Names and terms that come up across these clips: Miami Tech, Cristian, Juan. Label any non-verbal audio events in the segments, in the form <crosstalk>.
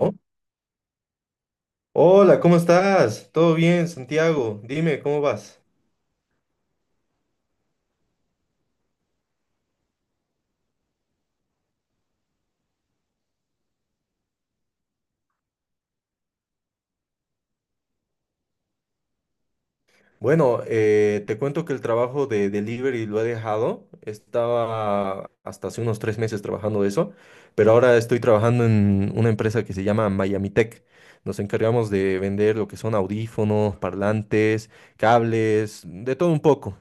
Oh, hola, ¿cómo estás? ¿Todo bien, Santiago? Dime, ¿cómo vas? Bueno, te cuento que el trabajo de delivery lo he dejado. Estaba hasta hace unos 3 meses trabajando de eso, pero ahora estoy trabajando en una empresa que se llama Miami Tech. Nos encargamos de vender lo que son audífonos, parlantes, cables, de todo un poco.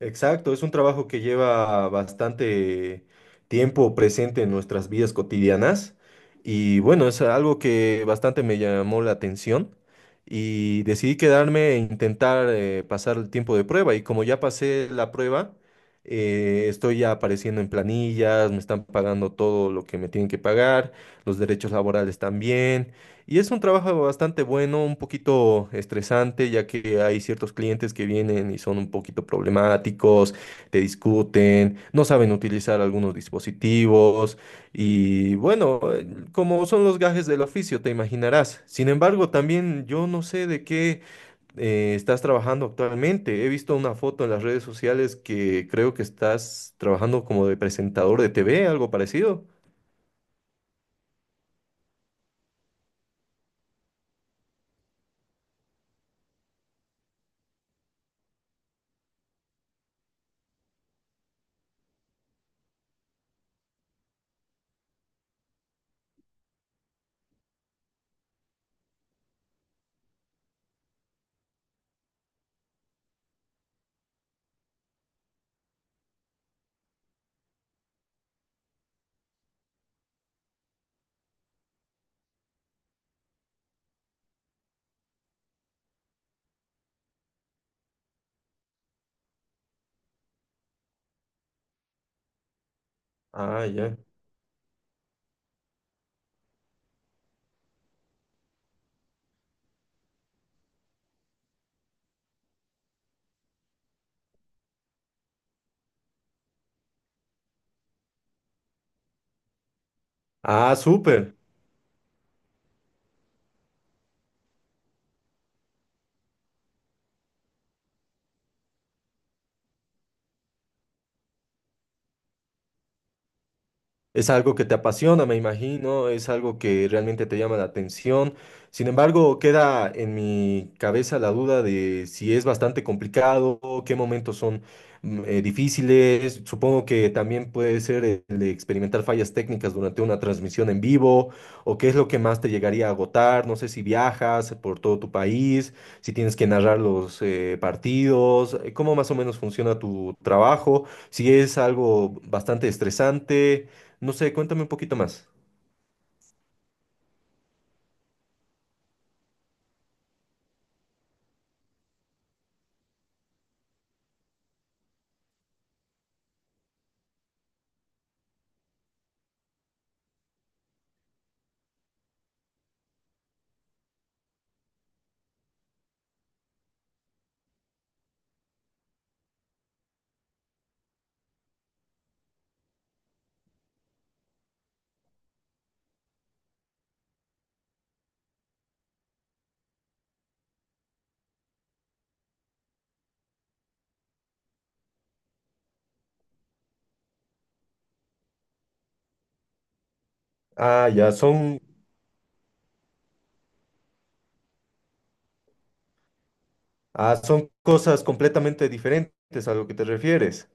Exacto, es un trabajo que lleva bastante tiempo presente en nuestras vidas cotidianas y bueno, es algo que bastante me llamó la atención y decidí quedarme e intentar pasar el tiempo de prueba y como ya pasé la prueba, estoy ya apareciendo en planillas, me están pagando todo lo que me tienen que pagar, los derechos laborales también. Y es un trabajo bastante bueno, un poquito estresante, ya que hay ciertos clientes que vienen y son un poquito problemáticos, te discuten, no saben utilizar algunos dispositivos y bueno, como son los gajes del oficio, te imaginarás. Sin embargo, también yo no sé de qué estás trabajando actualmente. He visto una foto en las redes sociales que creo que estás trabajando como de presentador de TV, algo parecido. Ah, ya. Ah, súper. Es algo que te apasiona, me imagino, es algo que realmente te llama la atención. Sin embargo, queda en mi cabeza la duda de si es bastante complicado, qué momentos son difíciles. Supongo que también puede ser el de experimentar fallas técnicas durante una transmisión en vivo, o qué es lo que más te llegaría a agotar. No sé si viajas por todo tu país, si tienes que narrar los partidos, cómo más o menos funciona tu trabajo, si es algo bastante estresante. No sé, cuéntame un poquito más. Ah, ya, son, ah, son cosas completamente diferentes a lo que te refieres.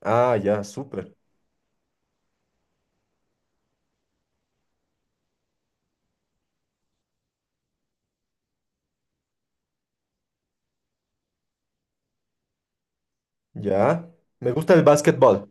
Ah, ya, súper. Ya. Me gusta el básquetbol.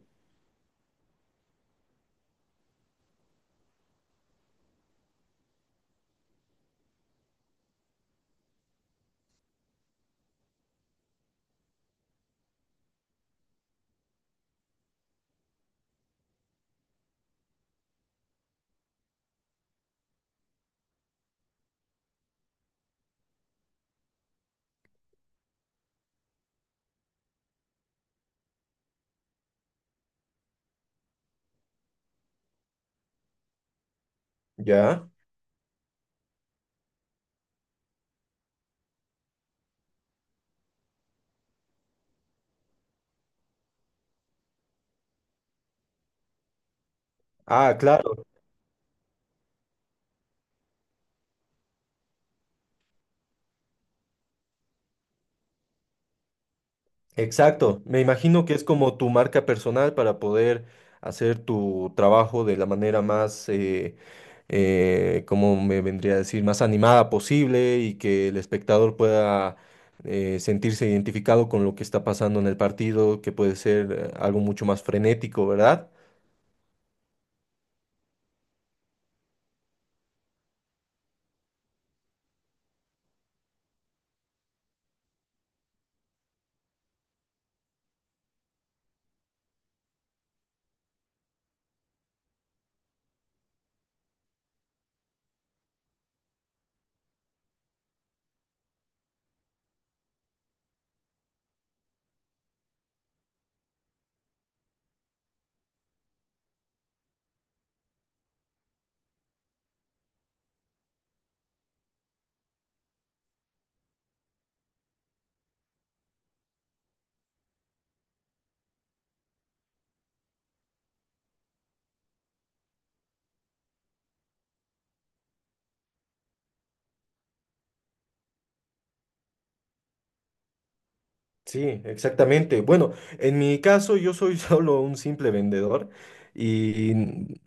Ya. Ah, claro. Exacto, me imagino que es como tu marca personal para poder hacer tu trabajo de la manera más, como me vendría a decir, más animada posible y que el espectador pueda sentirse identificado con lo que está pasando en el partido, que puede ser algo mucho más frenético, ¿verdad? Sí, exactamente. Bueno, en mi caso yo soy <laughs> solo un simple vendedor y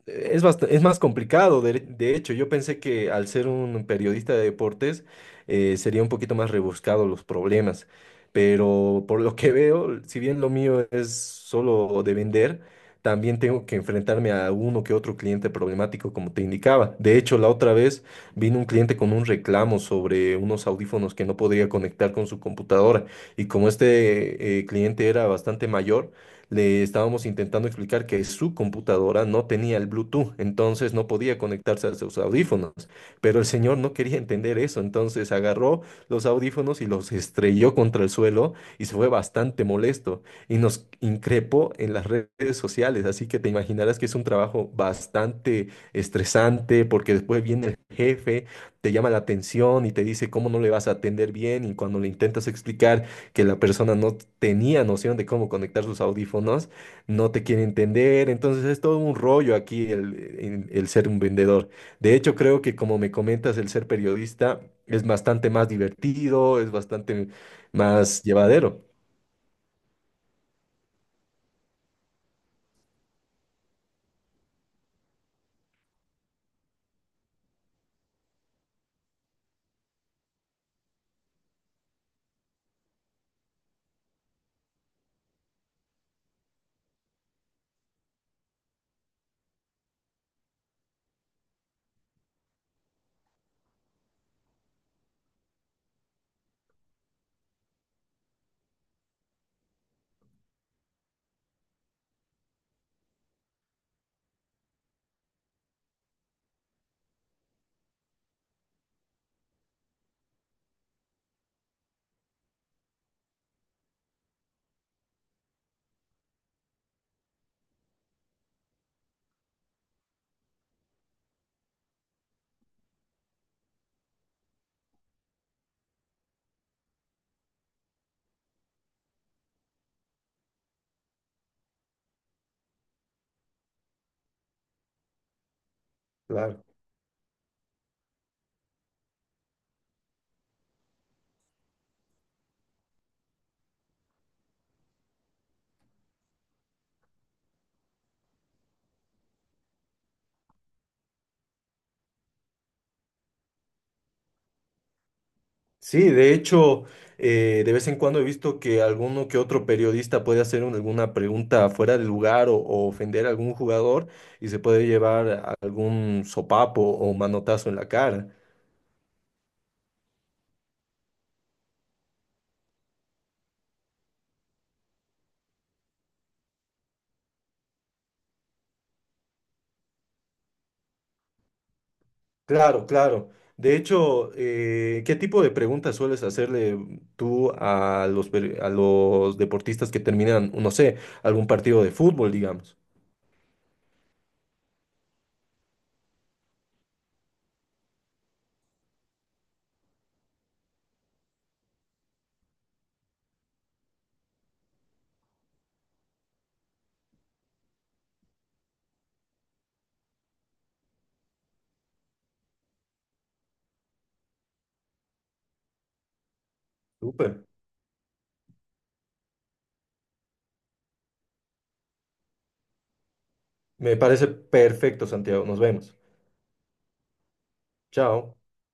es más complicado. De hecho, yo pensé que al ser un periodista de deportes sería un poquito más rebuscado los problemas, pero por lo que veo, si bien lo mío es solo de vender, también tengo que enfrentarme a uno que otro cliente problemático, como te indicaba. De hecho, la otra vez vino un cliente con un reclamo sobre unos audífonos que no podía conectar con su computadora. Y como este cliente era bastante mayor, le estábamos intentando explicar que su computadora no tenía el Bluetooth, entonces no podía conectarse a sus audífonos. Pero el señor no quería entender eso, entonces agarró los audífonos y los estrelló contra el suelo y se fue bastante molesto y nos increpó en las redes sociales. Así que te imaginarás que es un trabajo bastante estresante porque después viene el jefe, te llama la atención y te dice cómo no le vas a atender bien y cuando le intentas explicar que la persona no tenía noción de cómo conectar sus audífonos, no te quiere entender, entonces es todo un rollo aquí el ser un vendedor. De hecho, creo que como me comentas, el ser periodista es bastante más divertido, es bastante más llevadero. Claro. Sí, de hecho, de vez en cuando he visto que alguno que otro periodista puede hacer alguna pregunta fuera de lugar o ofender a algún jugador y se puede llevar algún sopapo o manotazo en la cara. Claro, claro. De hecho, ¿qué tipo de preguntas sueles hacerle tú a a los deportistas que terminan, no sé, algún partido de fútbol, digamos? Súper. Me parece perfecto, Santiago. Nos vemos. Chao.